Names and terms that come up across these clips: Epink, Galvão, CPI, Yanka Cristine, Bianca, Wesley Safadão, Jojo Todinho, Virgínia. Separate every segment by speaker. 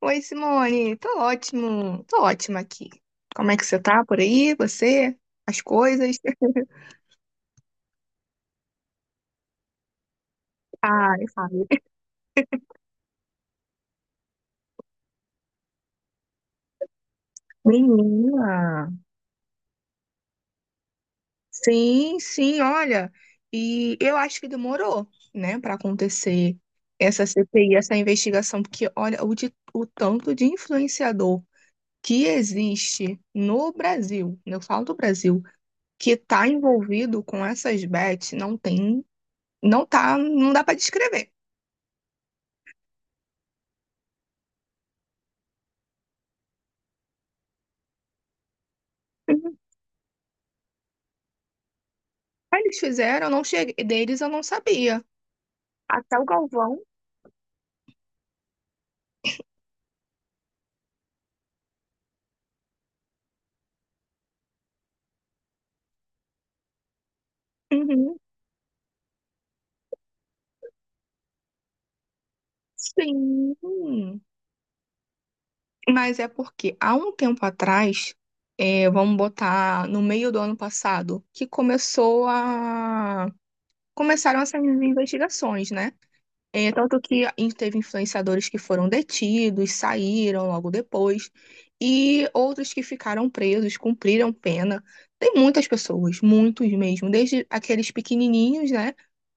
Speaker 1: Oi, Simone. Tô ótimo. Tô ótima aqui. Como é que você tá por aí? Você? As coisas? Ai, sabe? Menina. Sim, sim, olha. E eu acho que demorou, né, pra acontecer essa CPI, essa investigação, porque olha o tanto de influenciador que existe no Brasil, eu falo do Brasil, que tá envolvido com essas bets, não tem, não tá, não dá pra descrever. Aí eles fizeram, eu não cheguei, deles eu não sabia. Até o Galvão. Uhum. Sim. Mas é porque há um tempo atrás, é, vamos botar no meio do ano passado, que começou a começaram essas investigações, né? É, tanto que teve influenciadores que foram detidos, saíram logo depois, e outros que ficaram presos, cumpriram pena. Tem muitas pessoas, muitos mesmo, desde aqueles pequenininhos, né?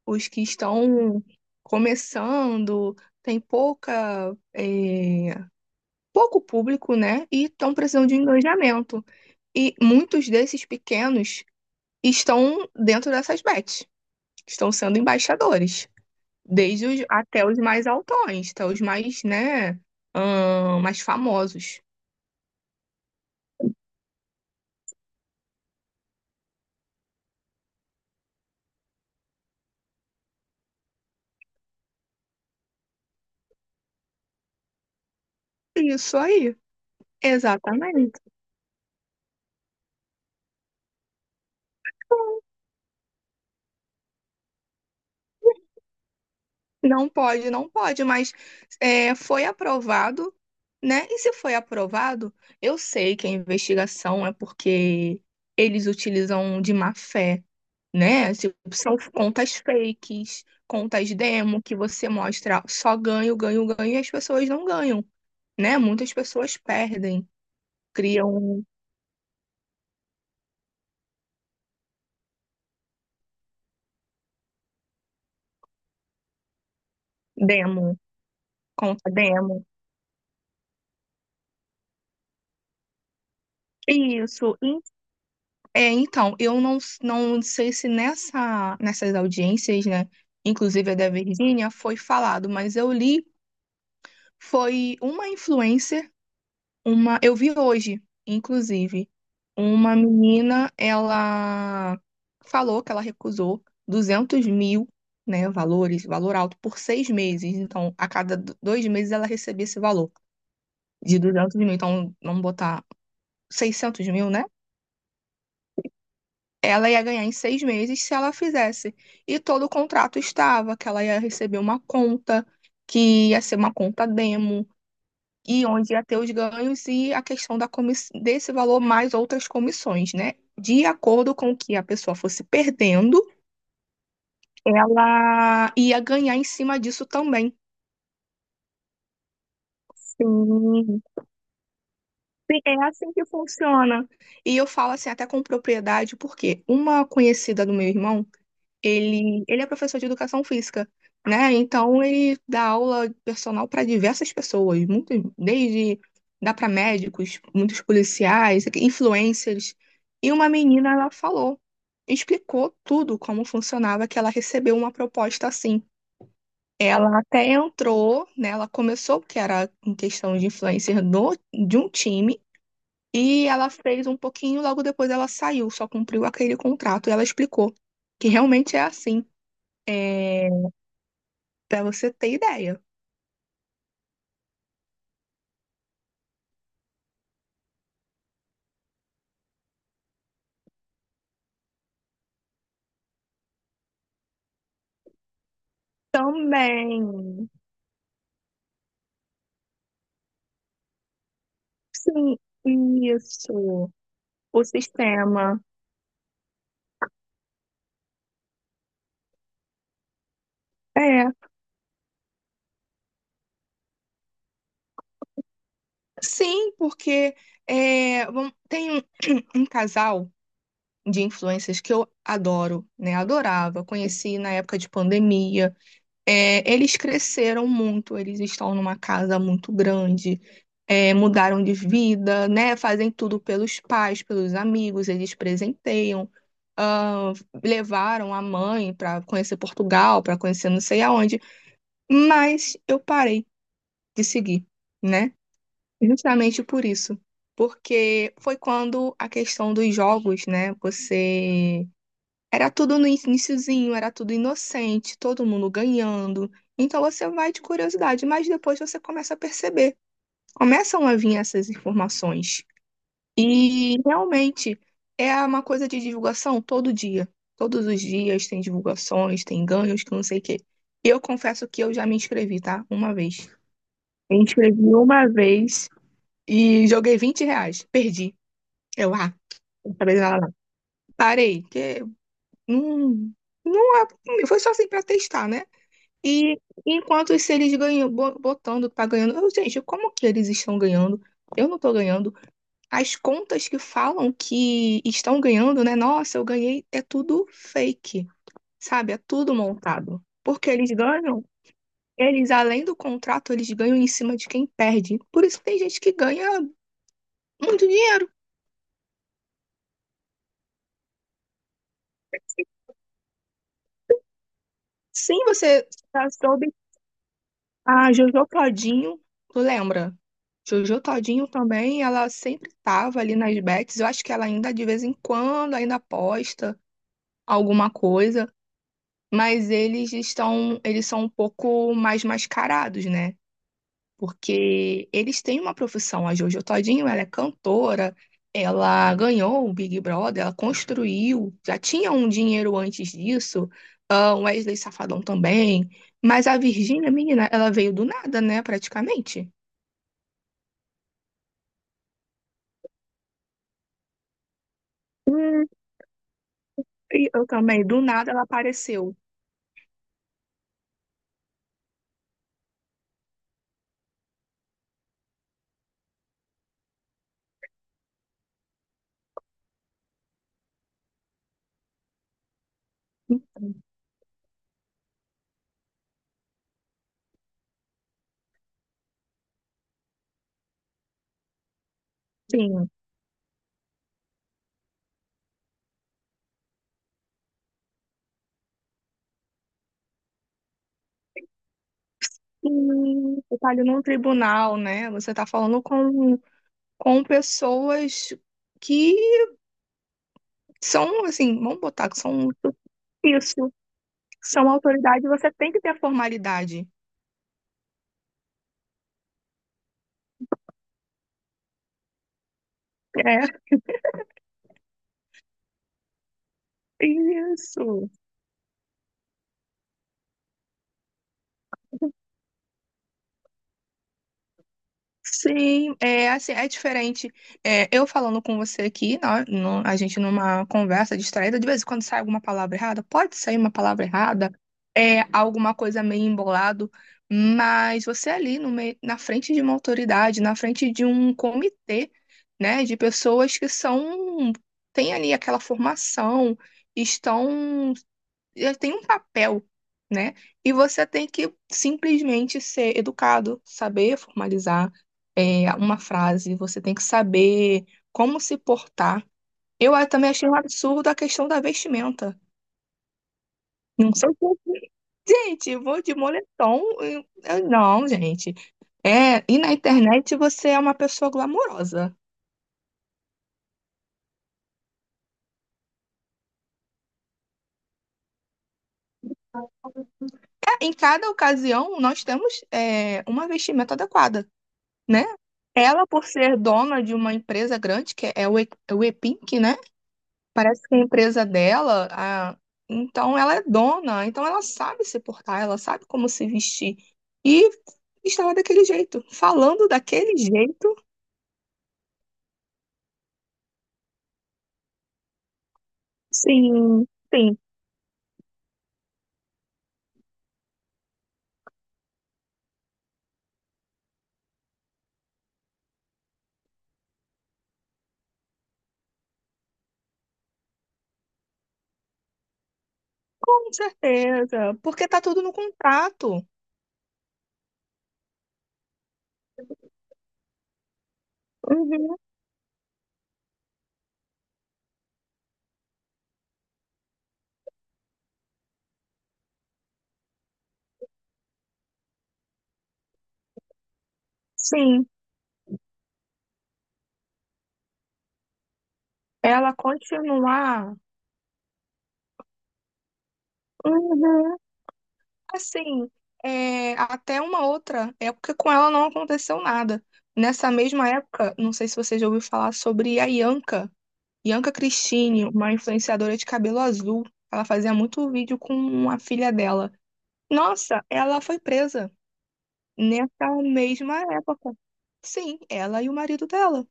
Speaker 1: Os que estão começando, tem pouca, é, pouco público, né? E estão precisando de engajamento. E muitos desses pequenos estão dentro dessas bets, estão sendo embaixadores desde os, até os mais altões, até os mais, né, mais famosos. Isso aí, exatamente. Não pode, não pode, mas é, foi aprovado, né? E se foi aprovado, eu sei que a investigação é porque eles utilizam de má fé, né? São contas fakes, contas demo que você mostra só ganho, ganho, ganho e as pessoas não ganham, né? Muitas pessoas perdem, criam demo. Conta demo. Isso. É, então, eu não, não sei se nessa, nessas audiências, né, inclusive a da Virgínia, foi falado, mas eu li, foi uma influencer, uma, eu vi hoje, inclusive, uma menina, ela falou que ela recusou 200 mil, né, valores, valor alto, por 6 meses. Então, a cada 2 meses ela recebia esse valor de 200 mil. Então, vamos botar 600 mil, né? Ela ia ganhar em 6 meses se ela fizesse. E todo o contrato estava, que ela ia receber uma conta, que ia ser uma conta demo, e onde ia ter os ganhos e a questão desse valor mais outras comissões, né? De acordo com o que a pessoa fosse perdendo, ela ia ganhar em cima disso também. Sim. Sim, é assim que funciona. E eu falo assim, até com propriedade, porque uma conhecida do meu irmão. Ele é professor de educação física, né? Então ele dá aula personal para diversas pessoas, muitas, desde dá para médicos, muitos policiais, influencers. E uma menina ela falou, explicou tudo como funcionava, que ela recebeu uma proposta assim. Ela até entrou, né? Ela começou, que era em questão de influencer no, de um time, e ela fez um pouquinho, logo depois ela saiu, só cumpriu aquele contrato e ela explicou que realmente é assim. É, para você ter ideia. Também. Sim, isso. O sistema. É. Sim, porque é, tem um casal de influencers que eu adoro, né? Adorava. Conheci na época de pandemia. É, eles cresceram muito, eles estão numa casa muito grande, é, mudaram de vida, né? Fazem tudo pelos pais, pelos amigos, eles presenteiam, ah, levaram a mãe para conhecer Portugal, para conhecer não sei aonde, mas eu parei de seguir, né? Justamente por isso, porque foi quando a questão dos jogos, né? Você era tudo no iniciozinho, era tudo inocente, todo mundo ganhando. Então você vai de curiosidade, mas depois você começa a perceber, começam a vir essas informações. E realmente é uma coisa de divulgação todo dia. Todos os dias tem divulgações, tem ganhos, que não sei o quê. Eu confesso que eu já me inscrevi, tá? Uma vez. Me inscrevi uma vez e joguei R$ 20. Perdi. Eu, dessa vez ela não. Parei, que não, não foi só assim pra testar, né? E enquanto se eles ganham, botando, tá ganhando. Eu, gente, como que eles estão ganhando? Eu não tô ganhando. As contas que falam que estão ganhando, né? Nossa, eu ganhei. É tudo fake, sabe? É tudo montado. Porque eles ganham, eles, além do contrato, eles ganham em cima de quem perde. Por isso que tem gente que ganha muito dinheiro. Sim, você já soube. A Jojo Todinho, tu lembra? Jojo Todinho também, ela sempre tava ali nas bets. Eu acho que ela ainda, de vez em quando, ainda posta alguma coisa, mas eles estão, eles são um pouco mais mascarados, né? Porque eles têm uma profissão. A Jojo Todinho, ela é cantora, ela ganhou o Big Brother, ela construiu, já tinha um dinheiro antes disso. Ah, o Wesley Safadão também. Mas a Virgínia, menina, ela veio do nada, né, praticamente. E eu também, do nada ela apareceu. Sim. Você tá ali num tribunal, né? Você tá falando com pessoas que são, assim, vamos botar que são isso, são autoridade, você tem que ter formalidade. É, isso. Sim, é assim, é diferente. É, eu falando com você aqui, a gente numa conversa distraída, de vez em quando sai alguma palavra errada, pode sair uma palavra errada, é alguma coisa meio embolado, mas você é ali no meio, na frente de uma autoridade, na frente de um comitê, né, de pessoas que são têm ali aquela formação, estão já tem um papel, né? E você tem que simplesmente ser educado, saber formalizar uma frase, você tem que saber como se portar. Eu também achei um absurdo a questão da vestimenta. Não sei se. Gente, eu vou de moletom. Não, gente. É, e na internet você é uma pessoa glamourosa. É, em cada ocasião, nós temos uma vestimenta adequada, né? Ela, por ser dona de uma empresa grande, que é o Epink, né? Parece que a empresa dela, então ela é dona, então ela sabe se portar, ela sabe como se vestir. E estava daquele jeito, falando daquele jeito, sim, sim, com certeza, porque tá tudo no contrato. Uhum, sim, ela continuar. Uhum. Assim, é, até uma outra época com ela não aconteceu nada. Nessa mesma época, não sei se você já ouviu falar sobre a Yanka, Yanka Cristine, uma influenciadora de cabelo azul. Ela fazia muito vídeo com a filha dela. Nossa, ela foi presa nessa mesma época. Sim, ela e o marido dela.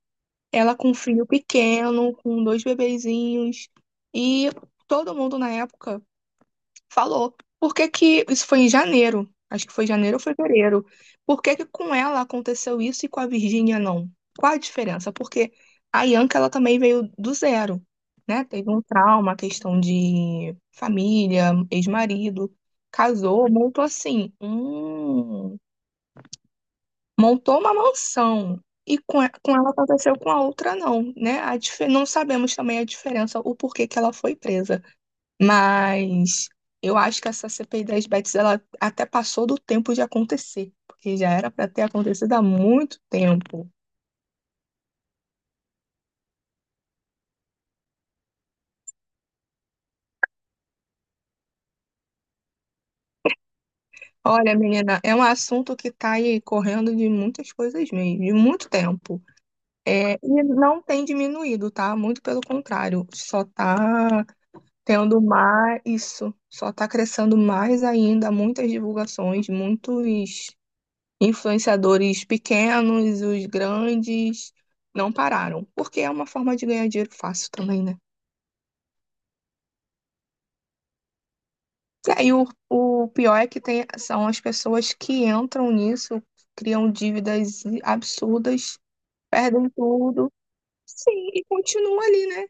Speaker 1: Ela com um filho pequeno, com dois bebezinhos. E todo mundo na época falou. Por que que isso foi em janeiro? Acho que foi janeiro ou fevereiro. Por que que com ela aconteceu isso e com a Virgínia não? Qual a diferença? Porque a Bianca ela também veio do zero, né? Teve um trauma, questão de família, ex-marido, casou, montou assim, montou uma mansão. E com com ela aconteceu, com a outra não, né? Não sabemos também a diferença, o porquê que ela foi presa. Mas eu acho que essa CPI das bets ela até passou do tempo de acontecer, porque já era para ter acontecido há muito tempo. Olha, menina, é um assunto que está aí correndo de muitas coisas mesmo, de muito tempo. É, e não tem diminuído, tá? Muito pelo contrário, só está tendo mais isso, só está crescendo mais ainda, muitas divulgações, muitos influenciadores pequenos, os grandes, não pararam, porque é uma forma de ganhar dinheiro fácil também, né? É, e aí o pior é que tem, são as pessoas que entram nisso, criam dívidas absurdas, perdem tudo. Sim, e continua ali, né?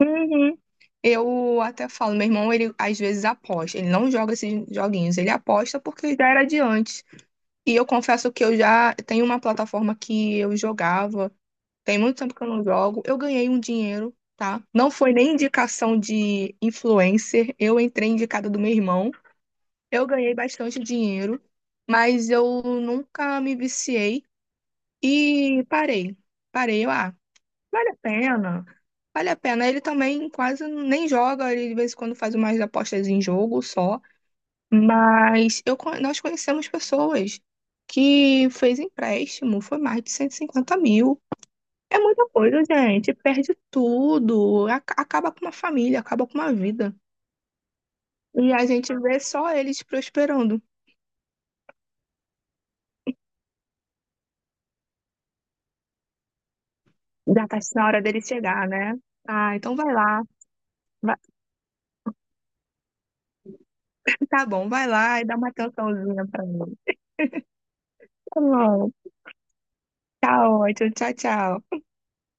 Speaker 1: Uhum. Eu até falo, meu irmão, ele às vezes aposta, ele não joga esses joguinhos, ele aposta porque já era de antes. E eu confesso que eu já tenho uma plataforma que eu jogava. Tem muito tempo que eu não jogo. Eu ganhei um dinheiro, tá? Não foi nem indicação de influencer. Eu entrei indicada do meu irmão. Eu ganhei bastante dinheiro, mas eu nunca me viciei e parei. Parei, eu, vale a pena. Vale a pena. Ele também quase nem joga, ele de vez em quando faz umas apostas em jogo só. Mas eu, nós conhecemos pessoas que fez empréstimo, foi mais de 150 mil. É muita coisa, gente. Perde tudo. Acaba com uma família, acaba com uma vida. E a gente vê só eles prosperando. Já tá na hora dele chegar, né? Ah, então vai lá. Vai- Tá bom, vai lá e dá uma atençãozinha pra mim. Tá bom. Tá ótimo. Tchau, tchau.